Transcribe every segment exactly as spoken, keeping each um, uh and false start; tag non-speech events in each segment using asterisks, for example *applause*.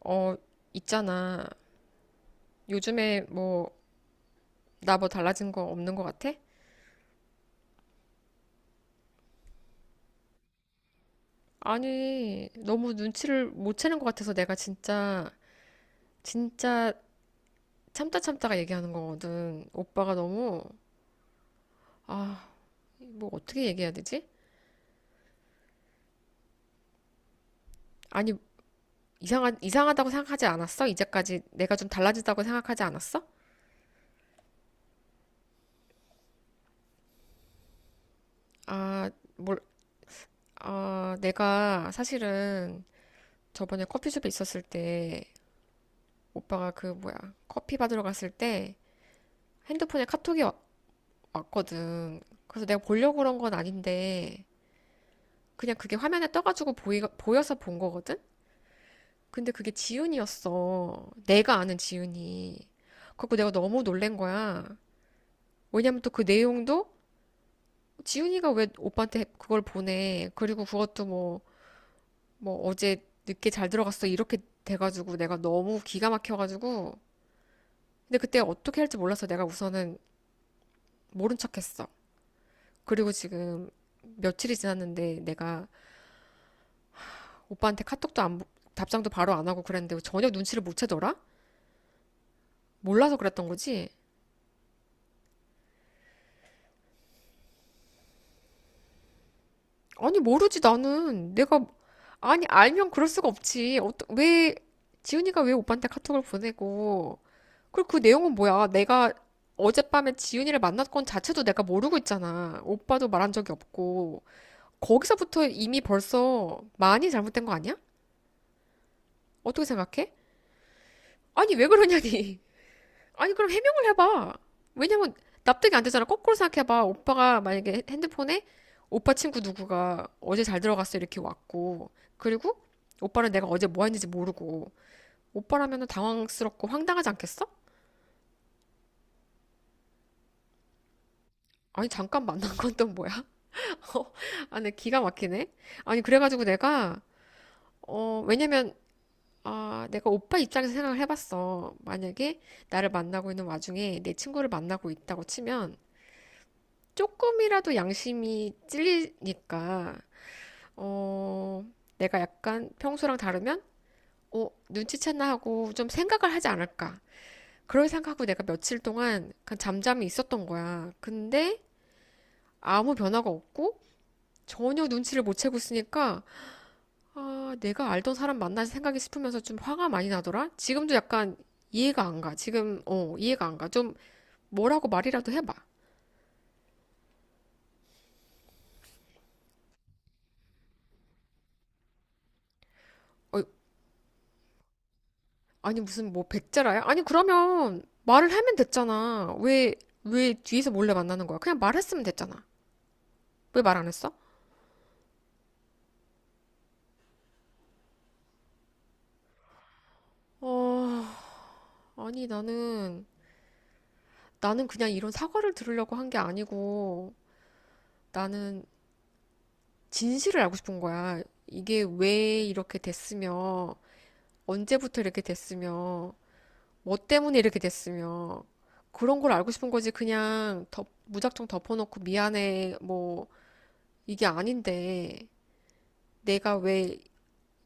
어, 있잖아. 요즘에 뭐, 나 뭐 달라진 거 없는 거 같아? 아니, 너무 눈치를 못 채는 것 같아서 내가 진짜, 진짜 참다 참다가 얘기하는 거거든. 오빠가 너무, 아, 뭐 어떻게 얘기해야 되지? 아니, 이상하, 이상하다고 생각하지 않았어? 이제까지 내가 좀 달라지다고 생각하지 않았어? 아, 뭘, 아, 내가 사실은 저번에 커피숍에 있었을 때, 오빠가 그 뭐야, 커피 받으러 갔을 때, 핸드폰에 카톡이 와- 왔거든. 그래서 내가 보려고 그런 건 아닌데, 그냥 그게 화면에 떠가지고 보이, 보여서 본 거거든? 근데 그게 지은이었어. 내가 아는 지은이. 그래서 내가 너무 놀란 거야. 왜냐면 또 그 내용도 지은이가 왜 오빠한테 그걸 보내. 그리고 그것도 뭐, 뭐 어제 늦게 잘 들어갔어. 이렇게 돼가지고 내가 너무 기가 막혀가지고. 근데 그때 어떻게 할지 몰라서 내가 우선은 모른 척했어. 그리고 지금 며칠이 지났는데 내가 오빠한테 카톡도 안, 답장도 바로 안 하고 그랬는데 전혀 눈치를 못 채더라? 몰라서 그랬던 거지? 아니, 모르지, 나는. 내가, 아니, 알면 그럴 수가 없지. 어떠, 왜, 지훈이가 왜 오빠한테 카톡을 보내고, 그리고 그 내용은 뭐야? 내가 어젯밤에 지훈이를 만났건 자체도 내가 모르고 있잖아. 오빠도 말한 적이 없고. 거기서부터 이미 벌써 많이 잘못된 거 아니야? 어떻게 생각해? 아니, 왜 그러냐니. 아니, 그럼 해명을 해봐. 왜냐면 납득이 안 되잖아. 거꾸로 생각해봐. 오빠가 만약에 핸드폰에 오빠 친구 누구가 어제 잘 들어갔어 이렇게 왔고, 그리고 오빠는 내가 어제 뭐 했는지 모르고, 오빠라면은 당황스럽고 황당하지 않겠어? 아니, 잠깐 만난 건 또 뭐야? *laughs* 어, 아, 내 기가 막히네. 아니, 그래가지고 내가, 어, 왜냐면, 아, 내가 오빠 입장에서 생각을 해봤어. 만약에 나를 만나고 있는 와중에 내 친구를 만나고 있다고 치면, 조금이라도 양심이 찔리니까, 어, 내가 약간 평소랑 다르면, 어, 눈치챘나 하고 좀 생각을 하지 않을까. 그럴 생각하고 내가 며칠 동안 약간 잠잠히 있었던 거야. 근데 아무 변화가 없고 전혀 눈치를 못 채고 있으니까, 아, 내가 알던 사람 만나서 생각이 싶으면서 좀 화가 많이 나더라? 지금도 약간 이해가 안 가. 지금, 어, 이해가 안 가. 좀 뭐라고 말이라도 해봐. 어, 아니 무슨 뭐 백제라야? 아니 그러면 말을 하면 됐잖아. 왜, 왜 뒤에서 몰래 만나는 거야? 그냥 말했으면 됐잖아. 왜 말 안 했어? 어, 아니 나는 나는 그냥 이런 사과를 들으려고 한 게 아니고 나는 진실을 알고 싶은 거야. 이게 왜 이렇게 됐으며 언제부터 이렇게 됐으며 뭐 때문에 이렇게 됐으며 그런 걸 알고 싶은 거지. 그냥 덮, 무작정 덮어놓고 미안해 뭐 이게 아닌데 내가 왜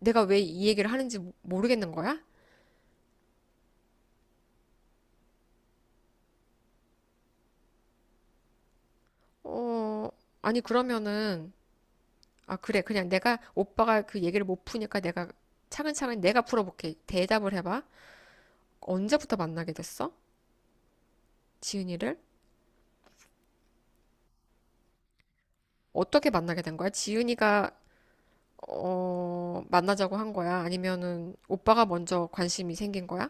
내가 왜 이 얘기를 하는지 모- 르겠는 거야? 어, 아니, 그러면은, 아, 그래. 그냥 내가, 오빠가 그 얘기를 못 푸니까 내가 차근차근 내가 풀어볼게. 대답을 해봐. 언제부터 만나게 됐어? 지은이를? 어떻게 만나게 된 거야? 지은이가, 어, 만나자고 한 거야? 아니면은, 오빠가 먼저 관심이 생긴 거야?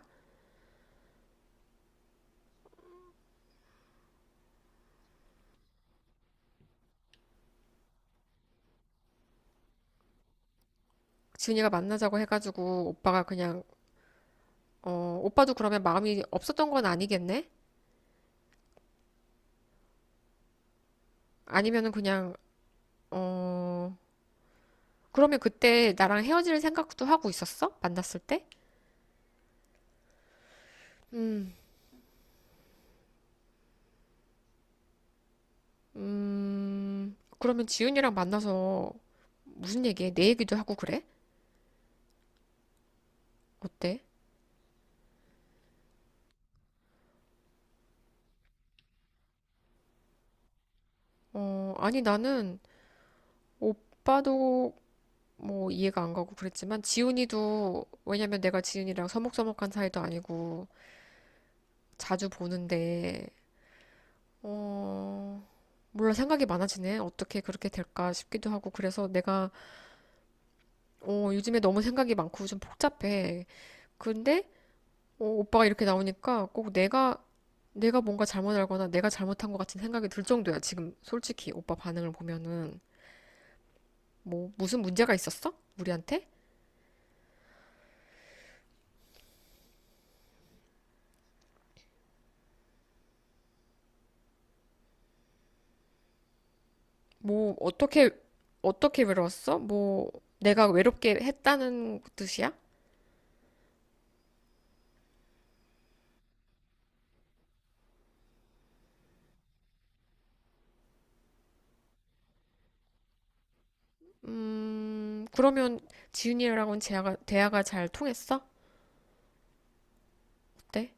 지은이가 만나자고 해가지고, 오빠가 그냥, 어, 오빠도 그러면 마음이 없었던 건 아니겠네? 아니면은 그냥, 어, 그러면 그때 나랑 헤어질 생각도 하고 있었어? 만났을 때? 음, 그러면 지훈이랑 만나서 무슨 얘기해? 내 얘기도 하고 그래? 어때? 어, 아니 나는 오빠도 뭐 이해가 안 가고 그랬지만 지훈이도 왜냐면 내가 지훈이랑 서먹서먹한 사이도 아니고 자주 보는데 어, 몰라 생각이 많아지네. 어떻게 그렇게 될까 싶기도 하고 그래서 내가 어, 요즘에 너무 생각이 많고 좀 복잡해. 근데 어, 오빠가 이렇게 나오니까 꼭 내가 내가 뭔가 잘못 알거나 내가 잘못한 것 같은 생각이 들 정도야. 지금 솔직히 오빠 반응을 보면은 뭐 무슨 문제가 있었어? 우리한테? 뭐 어떻게 어떻게 외로웠어? 뭐 내가 외롭게 했다는 뜻이야? 음, 그러면 지윤이랑은 대화가, 대화가 잘 통했어? 어때?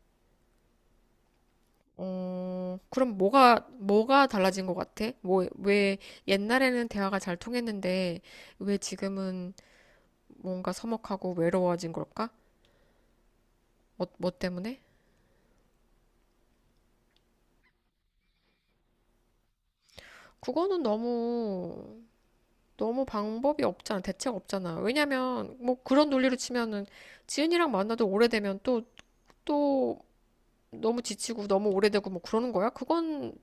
어, 그럼 뭐가 뭐가 달라진 것 같아? 뭐 왜 옛날에는 대화가 잘 통했는데 왜 지금은 뭔가 서먹하고 외로워진 걸까? 뭐, 뭐 때문에? 그거는 너무, 너무 방법이 없잖아. 대책 없잖아. 왜냐면, 뭐 그런 논리로 치면은 지은이랑 만나도 오래되면 또, 또 너무 지치고 너무 오래되고 뭐 그러는 거야? 그건,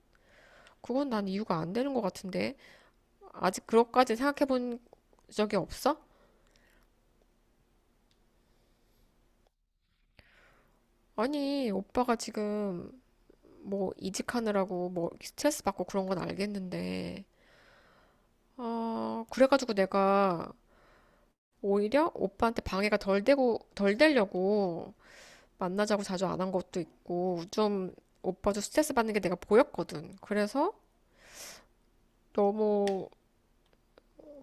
그건 난 이유가 안 되는 것 같은데. 아직 그것까지 생각해 본 적이 없어? 아니, 오빠가 지금 뭐 이직하느라고 뭐 스트레스 받고 그런 건 알겠는데. 어, 그래가지고 내가 오히려 오빠한테 방해가 덜 되고, 덜 되려고 만나자고 자주 안 한 것도 있고, 좀 오빠도 스트레스 받는 게 내가 보였거든. 그래서 너무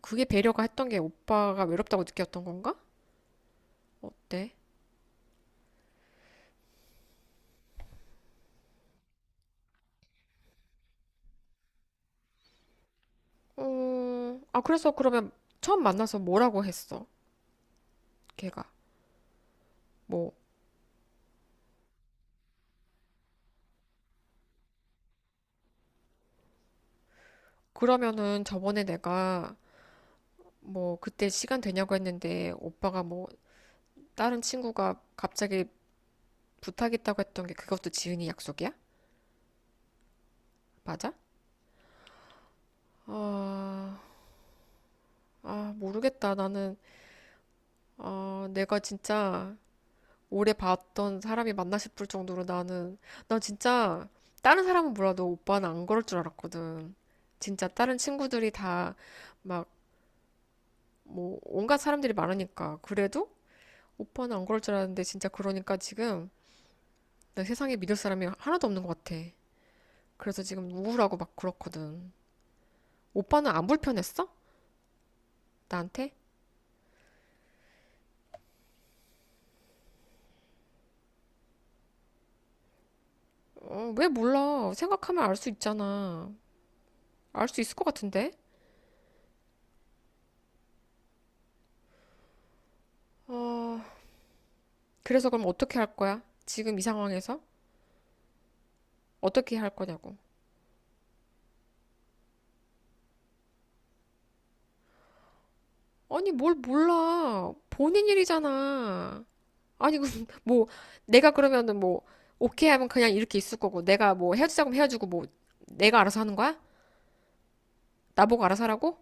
그게 배려가 했던 게 오빠가 외롭다고 느꼈던 건가? 어때? 어, 아, 그래서 그러면 처음 만나서 뭐라고 했어? 걔가. 뭐, 그러면은 저번에 내가 뭐 그때 시간 되냐고 했는데 오빠가 뭐 다른 친구가 갑자기 부탁 있다고 했던 게 그것도 지은이 약속이야? 맞아? 아, 아, 모르겠다. 나는, 아, 내가 진짜 오래 봤던 사람이 맞나 싶을 정도로 나는, 나 진짜 다른 사람은 몰라도 오빠는 안 그럴 줄 알았거든. 진짜 다른 친구들이 다 막, 뭐, 온갖 사람들이 많으니까. 그래도 오빠는 안 그럴 줄 알았는데 진짜 그러니까 지금 나 세상에 믿을 사람이 하나도 없는 것 같아. 그래서 지금 우울하고 막 그렇거든. 오빠는 안 불편했어? 나한테? 어, 왜 몰라. 생각하면 알 수 있잖아. 알 수 있을 것 같은데? 어, 그래서 그럼 어떻게 할 거야? 지금 이 상황에서? 어떻게 할 거냐고. 아니, 뭘 몰라. 본인 일이잖아. 아니, 그 *laughs* 뭐, 내가 그러면은 뭐, 오케이 하면 그냥 이렇게 있을 거고, 내가 뭐 헤어지자고 헤어지고, 뭐, 내가 알아서 하는 거야? 나보고 알아서 하라고?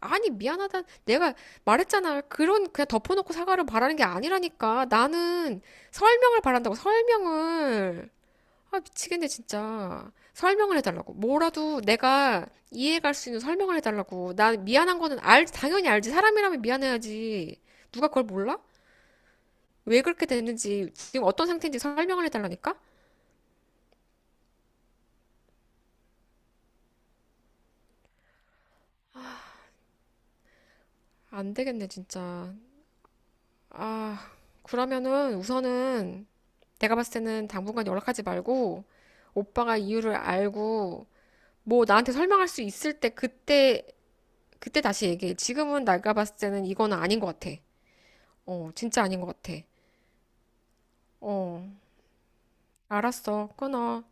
아니, 미안하다. 내가 말했잖아. 그런, 그냥 덮어놓고 사과를 바라는 게 아니라니까. 나는 설명을 바란다고, 설명을. 아, 미치겠네, 진짜. 설명을 해달라고. 뭐라도 내가 이해할 수 있는 설명을 해달라고. 나 미안한 거는 알, 당연히 알지. 사람이라면 미안해야지. 누가 그걸 몰라? 왜 그렇게 됐는지, 지금 어떤 상태인지 설명을 해달라니까? 안 되겠네, 진짜. 아, 그러면은 우선은 내가 봤을 때는 당분간 연락하지 말고, 오빠가 이유를 알고, 뭐 나한테 설명할 수 있을 때 그때, 그때 다시 얘기해. 지금은 내가 봤을 때는 이거는 아닌 것 같아. 어, 진짜 아닌 것 같아. 어, 알았어. 끊어.